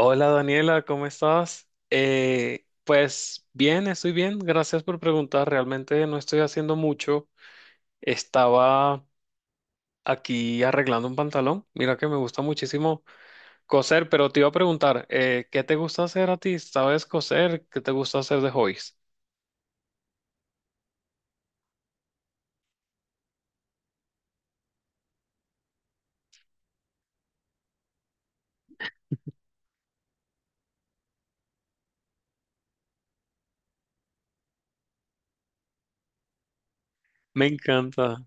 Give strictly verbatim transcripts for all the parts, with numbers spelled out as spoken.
Hola Daniela, ¿cómo estás? Eh, pues bien, estoy bien, gracias por preguntar. Realmente no estoy haciendo mucho. Estaba aquí arreglando un pantalón. Mira que me gusta muchísimo coser, pero te iba a preguntar, eh, ¿qué te gusta hacer a ti? ¿Sabes coser? ¿Qué te gusta hacer de hobbies? Me encanta.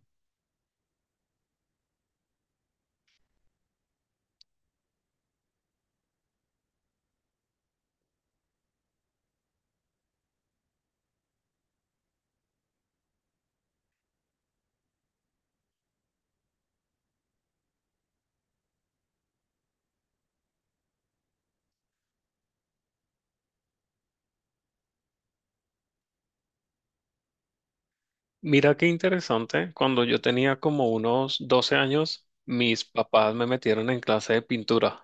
Mira qué interesante. Cuando yo tenía como unos doce años, mis papás me metieron en clase de pintura.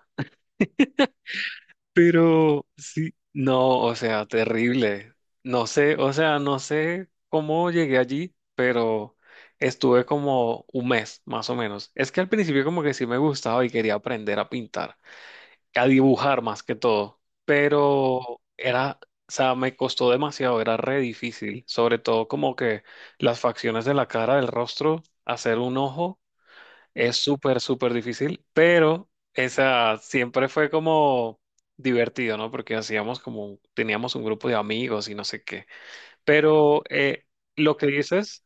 Pero sí, no, o sea, terrible. No sé, o sea, no sé cómo llegué allí, pero estuve como un mes, más o menos. Es que al principio como que sí me gustaba y quería aprender a pintar, a dibujar más que todo, pero era, o sea, me costó demasiado, era re difícil, sobre todo como que las facciones de la cara, del rostro, hacer un ojo. Es súper, súper difícil, pero esa siempre fue como divertido, ¿no? Porque hacíamos como, teníamos un grupo de amigos y no sé qué. Pero eh, lo que dices,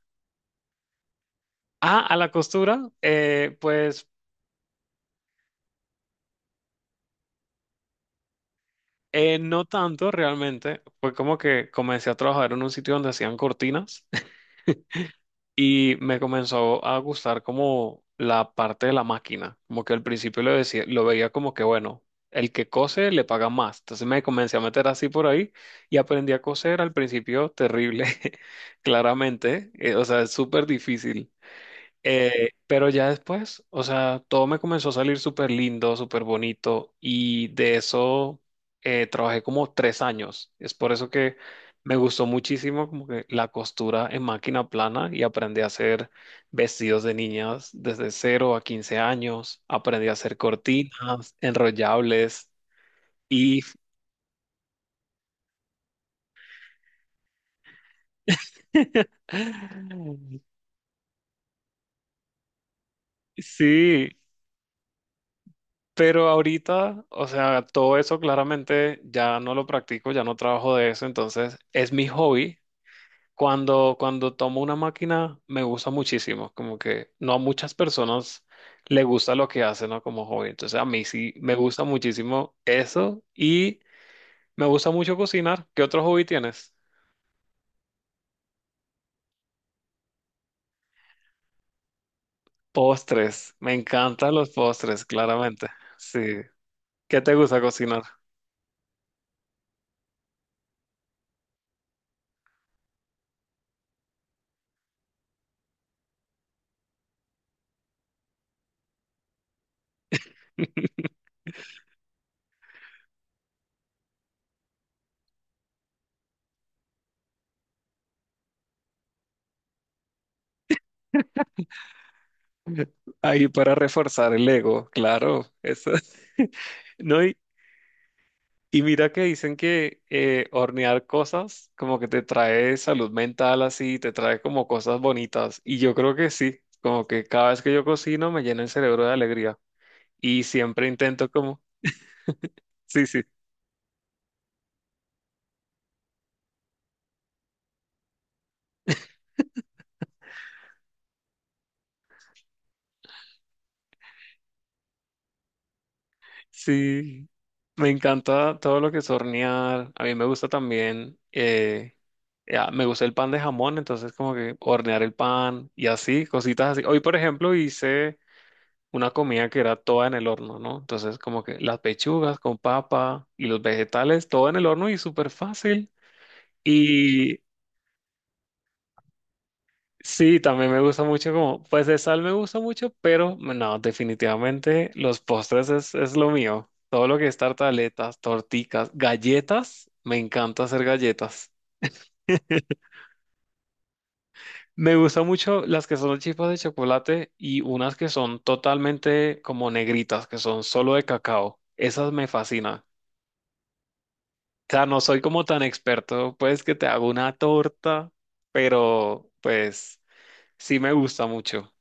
ah, a la costura, eh, pues eh, no tanto realmente. Fue como que comencé a trabajar en un sitio donde hacían cortinas. Y me comenzó a gustar como la parte de la máquina, como que al principio lo decía, lo veía como que bueno, el que cose le paga más. Entonces me comencé a meter así por ahí y aprendí a coser al principio terrible, claramente, eh, o sea, es súper difícil. Eh, pero ya después, o sea, todo me comenzó a salir súper lindo, súper bonito y de eso eh, trabajé como tres años. Es por eso que me gustó muchísimo como que la costura en máquina plana y aprendí a hacer vestidos de niñas desde cero a quince años. Aprendí a hacer cortinas, enrollables y... Sí. Pero ahorita, o sea, todo eso claramente ya no lo practico, ya no trabajo de eso, entonces es mi hobby. Cuando, cuando tomo una máquina me gusta muchísimo, como que no a muchas personas le gusta lo que hacen, ¿no? Como hobby. Entonces a mí sí me gusta muchísimo eso y me gusta mucho cocinar. ¿Qué otro hobby tienes? Postres. Me encantan los postres, claramente. Sí. ¿Qué te gusta cocinar? Ahí para reforzar el ego, claro. Eso. No, y, y mira que dicen que eh, hornear cosas como que te trae salud mental así, te trae como cosas bonitas. Y yo creo que sí, como que cada vez que yo cocino me llena el cerebro de alegría. Y siempre intento como, sí, sí. Sí, me encanta todo lo que es hornear. A mí me gusta también, eh, ya, me gusta el pan de jamón, entonces como que hornear el pan y así, cositas así. Hoy, por ejemplo, hice una comida que era toda en el horno, ¿no? Entonces como que las pechugas con papa y los vegetales, todo en el horno y súper fácil. y Sí, también me gusta mucho como, pues de sal me gusta mucho, pero no, definitivamente los postres es, es lo mío. Todo lo que es tartaletas, torticas, galletas, me encanta hacer galletas. Me gustan mucho las que son chispas de chocolate y unas que son totalmente como negritas, que son solo de cacao. Esas me fascinan. O sea, no soy como tan experto, pues que te hago una torta, pero pues sí me gusta mucho.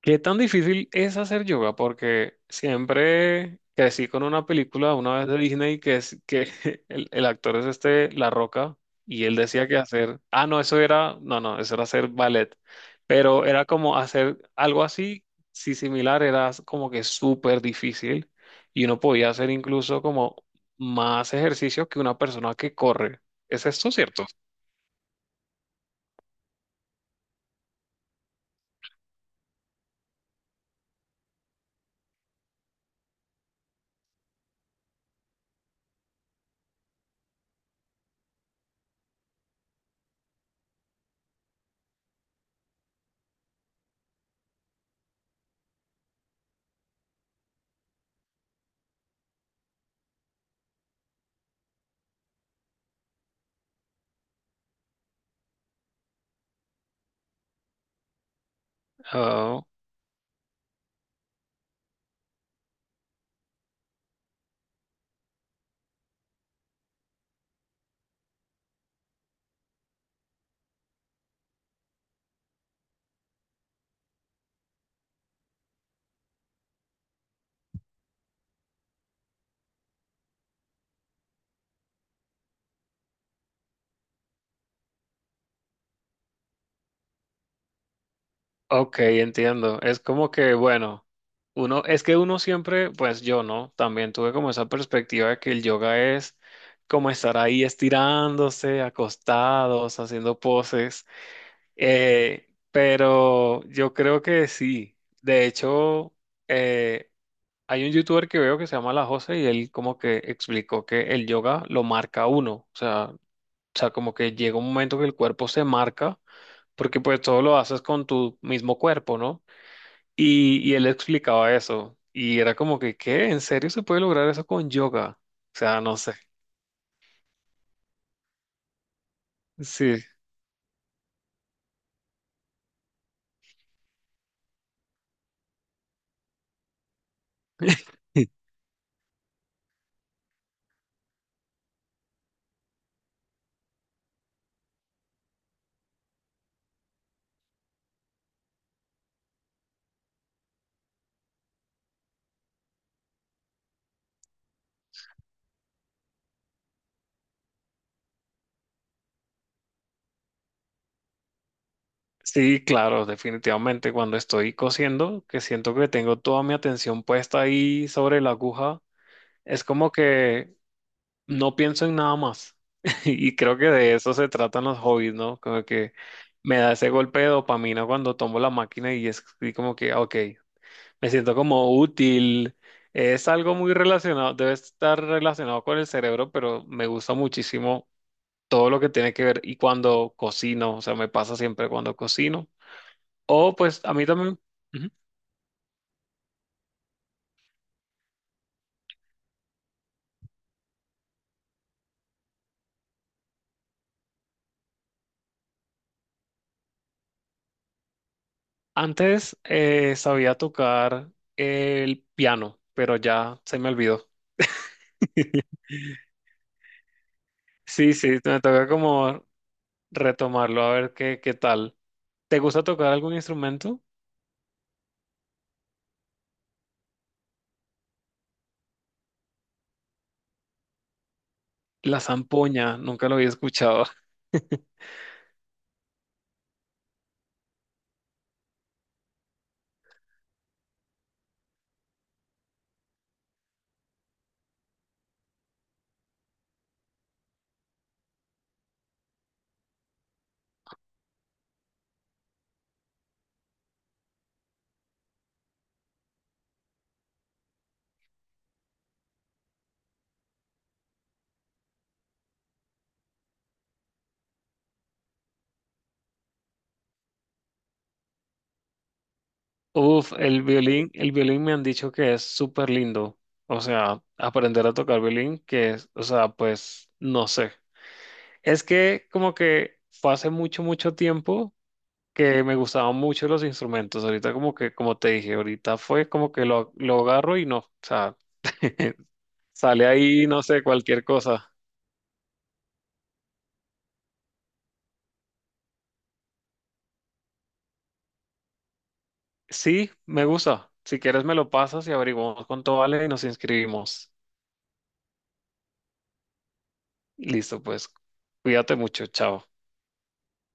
¿Qué tan difícil es hacer yoga? Porque siempre crecí con una película una vez de Disney que es que el, el actor es este La Roca y él decía que hacer, ah, no, eso era, no, no, eso era hacer ballet, pero era como hacer algo así, si similar, era como que súper difícil y uno podía hacer incluso como más ejercicio que una persona que corre. ¿Es esto cierto? Ok, entiendo. Es como que, bueno, uno, es que uno siempre, pues yo no, también tuve como esa perspectiva de que el yoga es como estar ahí estirándose, acostados, haciendo poses. eh, pero yo creo que sí. De hecho, eh, hay un youtuber que veo que se llama La Jose y él como que explicó que el yoga lo marca a uno. O sea, o sea, como que llega un momento que el cuerpo se marca, porque pues todo lo haces con tu mismo cuerpo, ¿no? Y, y él explicaba eso. Y era como que, ¿qué? ¿En serio se puede lograr eso con yoga? O sea, no sé. Sí. Sí, claro, definitivamente. Cuando estoy cosiendo, que siento que tengo toda mi atención puesta ahí sobre la aguja, es como que no pienso en nada más. Y creo que de eso se tratan los hobbies, ¿no? Como que me da ese golpe de dopamina cuando tomo la máquina y es y como que, ok. Me siento como útil. Es algo muy relacionado, debe estar relacionado con el cerebro, pero me gusta muchísimo todo lo que tiene que ver y cuando cocino, o sea, me pasa siempre cuando cocino. O pues a mí también, ujú. Antes eh, sabía tocar el piano, pero ya se me olvidó. Sí, sí, me toca como retomarlo, a ver qué, qué tal. ¿Te gusta tocar algún instrumento? La zampoña, nunca lo había escuchado. Uf, el violín, el violín me han dicho que es súper lindo. O sea, aprender a tocar violín, que es, o sea, pues no sé. Es que como que fue hace mucho, mucho tiempo que me gustaban mucho los instrumentos. Ahorita como que, como te dije, ahorita fue como que lo, lo agarro y no. O sea, sale ahí, no sé, cualquier cosa. Sí, me gusta. Si quieres me lo pasas y averiguamos cuánto vale y nos inscribimos. Listo, pues. Cuídate mucho, chao.